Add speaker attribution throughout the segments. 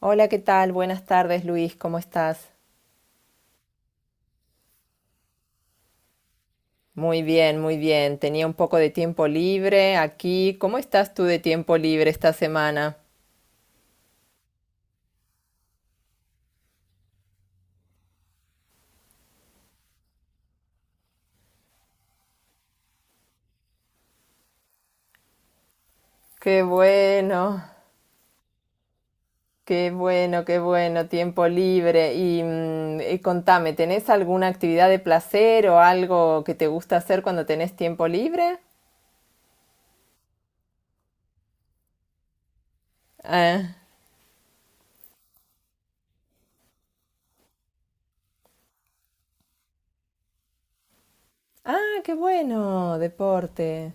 Speaker 1: Hola, ¿qué tal? Buenas tardes, Luis, ¿cómo estás? Muy bien, muy bien. Tenía un poco de tiempo libre aquí. ¿Cómo estás tú de tiempo libre esta semana? Qué bueno, qué bueno, qué bueno, tiempo libre. Y contame, ¿tenés alguna actividad de placer o algo que te gusta hacer cuando tenés tiempo libre? Ah, ah, qué bueno, deporte.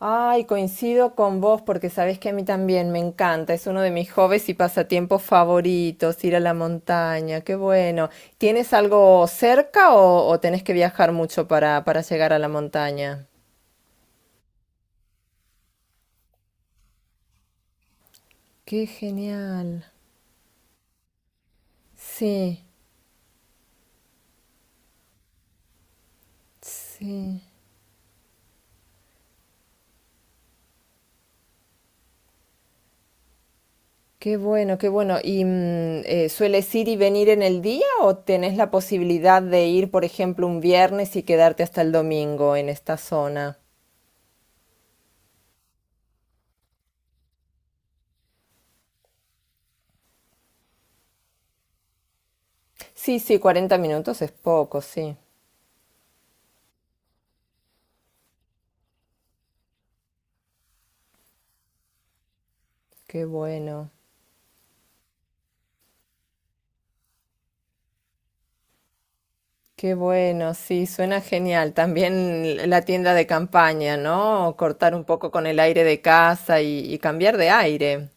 Speaker 1: Ay, coincido con vos porque sabés que a mí también me encanta, es uno de mis hobbies y pasatiempos favoritos, ir a la montaña, qué bueno. ¿Tienes algo cerca o tenés que viajar mucho para llegar a la montaña? Qué genial. Sí, sí. Qué bueno, qué bueno. ¿Y sueles ir y venir en el día o tenés la posibilidad de ir, por ejemplo, un viernes y quedarte hasta el domingo en esta zona? Sí, sí. 40 minutos es poco, sí. Qué bueno, qué bueno, sí, suena genial. También la tienda de campaña, ¿no? Cortar un poco con el aire de casa y cambiar de aire.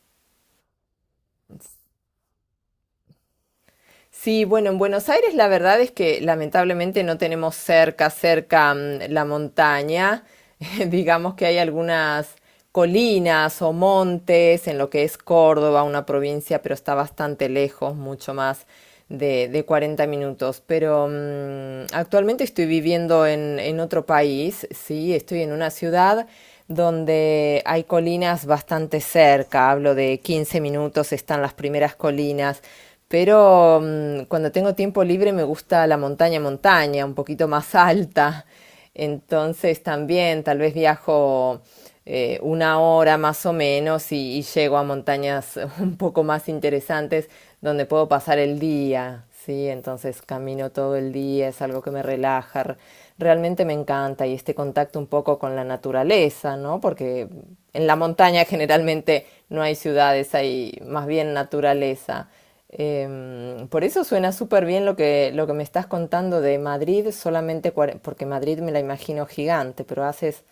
Speaker 1: Sí, bueno, en Buenos Aires la verdad es que lamentablemente no tenemos cerca, cerca la montaña. Digamos que hay algunas colinas o montes en lo que es Córdoba, una provincia, pero está bastante lejos, mucho más de 40 minutos. Pero actualmente estoy viviendo en otro país, sí, estoy en una ciudad donde hay colinas bastante cerca, hablo de 15 minutos, están las primeras colinas pero cuando tengo tiempo libre me gusta la montaña, montaña, un poquito más alta. Entonces también tal vez viajo una hora más o menos y llego a montañas un poco más interesantes donde puedo pasar el día. Sí, entonces camino todo el día, es algo que me relaja. Realmente me encanta y este contacto un poco con la naturaleza, ¿no? Porque en la montaña generalmente no hay ciudades, hay más bien naturaleza. Por eso suena súper bien lo que, me estás contando de Madrid, solamente porque Madrid me la imagino gigante, pero haces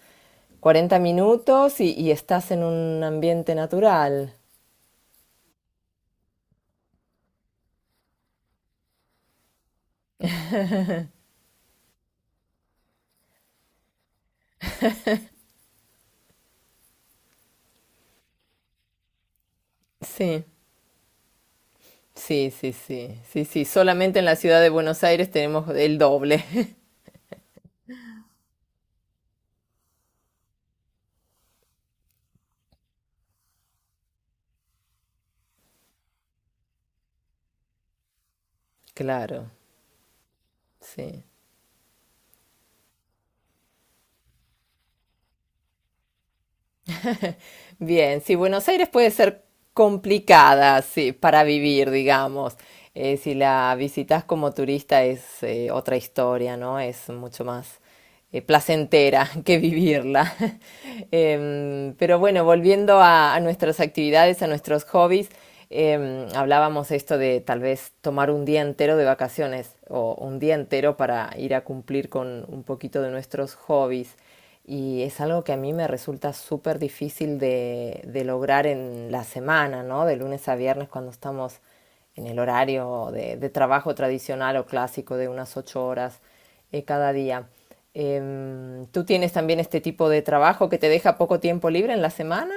Speaker 1: 40 minutos y estás en un ambiente natural. Sí, sí, sí, sí, sí, sí. Solamente en la ciudad de Buenos Aires tenemos el doble. Claro, sí. Bien, sí, Buenos Aires puede ser complicada, sí, para vivir, digamos. Si la visitas como turista es otra historia, ¿no? Es mucho más placentera que vivirla. Pero bueno, volviendo a nuestras actividades, a nuestros hobbies, hablábamos esto de tal vez tomar un día entero de vacaciones o un día entero para ir a cumplir con un poquito de nuestros hobbies. Y es algo que a mí me resulta súper difícil de lograr en la semana, ¿no? De lunes a viernes cuando estamos en el horario de trabajo tradicional o clásico de unas 8 horas cada día. ¿Tú tienes también este tipo de trabajo que te deja poco tiempo libre en la semana?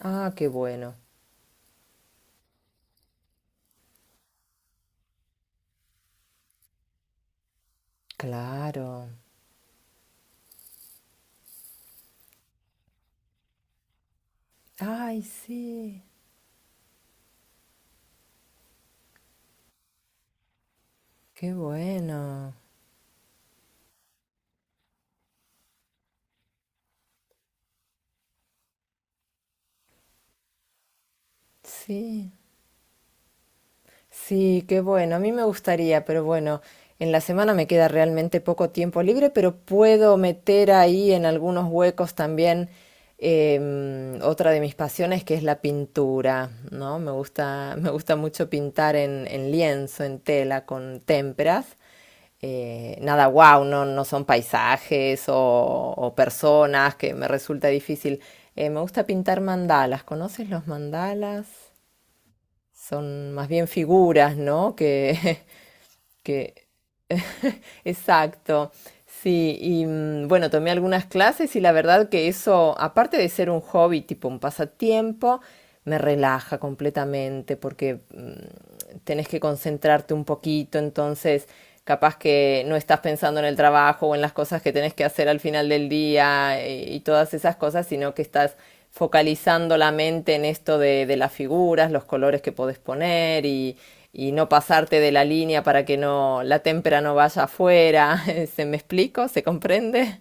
Speaker 1: Ah, qué bueno. Claro. Ay, sí, qué bueno. Sí. Sí, qué bueno. A mí me gustaría, pero bueno, en la semana me queda realmente poco tiempo libre, pero puedo meter ahí en algunos huecos también otra de mis pasiones que es la pintura, ¿no? Me gusta mucho pintar en lienzo, en tela, con témperas. Nada, wow, no, no son paisajes o personas que me resulta difícil. Me gusta pintar mandalas. ¿Conoces los mandalas? Son más bien figuras, ¿no? Que, que, exacto. Sí, y bueno, tomé algunas clases y la verdad que eso, aparte de ser un hobby, tipo un pasatiempo, me relaja completamente porque tenés que concentrarte un poquito, entonces capaz que no estás pensando en el trabajo o en las cosas que tenés que hacer al final del día y todas esas cosas, sino que estás focalizando la mente en esto de las figuras, los colores que podés poner y no pasarte de la línea para que no la témpera no vaya afuera. ¿Se me explico? ¿Se comprende?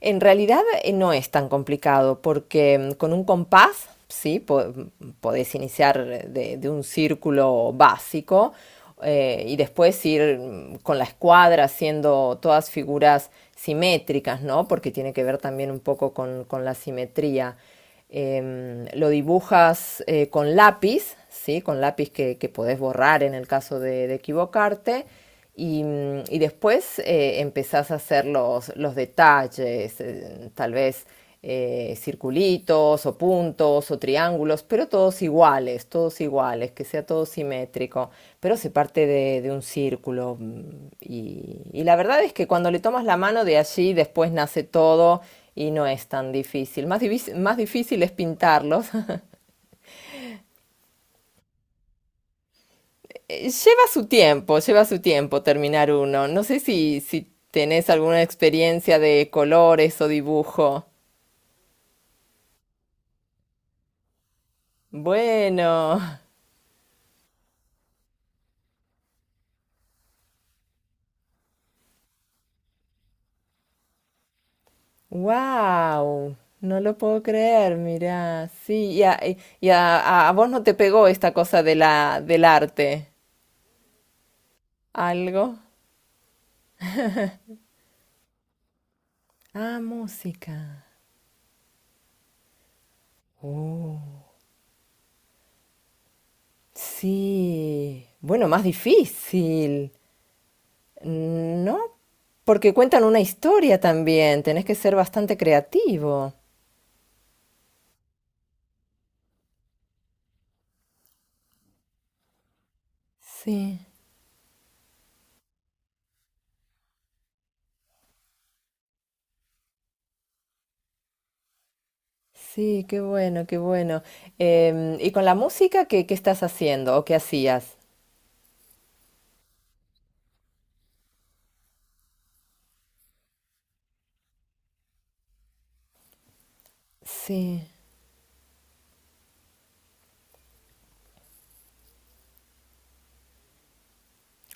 Speaker 1: En realidad no es tan complicado porque con un compás, sí, podés iniciar de un círculo básico y después ir con la escuadra haciendo todas figuras simétricas, ¿no? Porque tiene que ver también un poco con la simetría. Lo dibujas con lápiz, ¿sí? Con lápiz que, podés borrar en el caso de equivocarte. Y, y después empezás a hacer los detalles, tal vez circulitos o puntos todos o triángulos, pero todos iguales, que sea todo simétrico, pero se parte de un círculo y la verdad es que cuando le tomas la mano de allí después nace todo y no es tan difícil. Más, más difícil es pintarlos. Lleva su tiempo terminar uno. No sé si tenés alguna experiencia de colores o dibujo. Bueno. Wow, no lo puedo creer, mira, sí, y a, y- y a vos no te pegó esta cosa del arte, ¿algo? Ah, música. Oh, sí, bueno, más difícil. Mm, ¿no? Porque cuentan una historia también, tenés que ser bastante creativo. Sí, sí, qué bueno, qué bueno. ¿Y con la música qué, estás haciendo o qué hacías? Sí.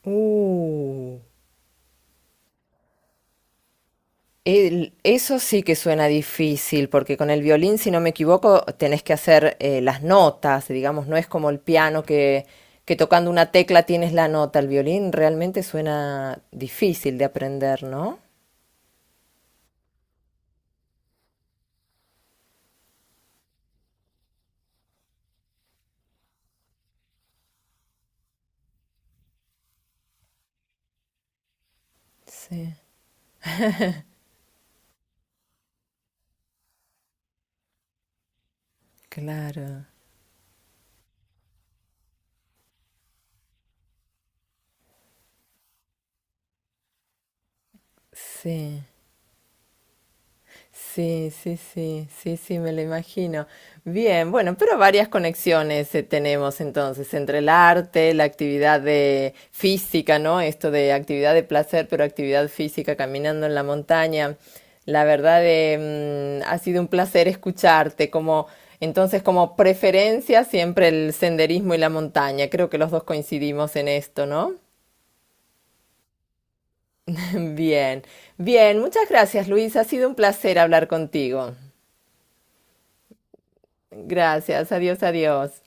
Speaker 1: Uh. Eso sí que suena difícil, porque con el violín, si no me equivoco, tenés que hacer las notas, digamos, no es como el piano que, tocando una tecla tienes la nota. El violín realmente suena difícil de aprender, ¿no? Sí, claro, sí. Sí, sí, sí, sí, sí, me lo imagino. Bien, bueno, pero varias conexiones tenemos entonces entre el arte, la actividad de física, ¿no? Esto de actividad de placer, pero actividad física, caminando en la montaña. La verdad, ha sido un placer escucharte. Como, entonces, como preferencia, siempre el senderismo y la montaña. Creo que los dos coincidimos en esto, ¿no? Bien, bien, muchas gracias, Luis. Ha sido un placer hablar contigo. Gracias, adiós, adiós.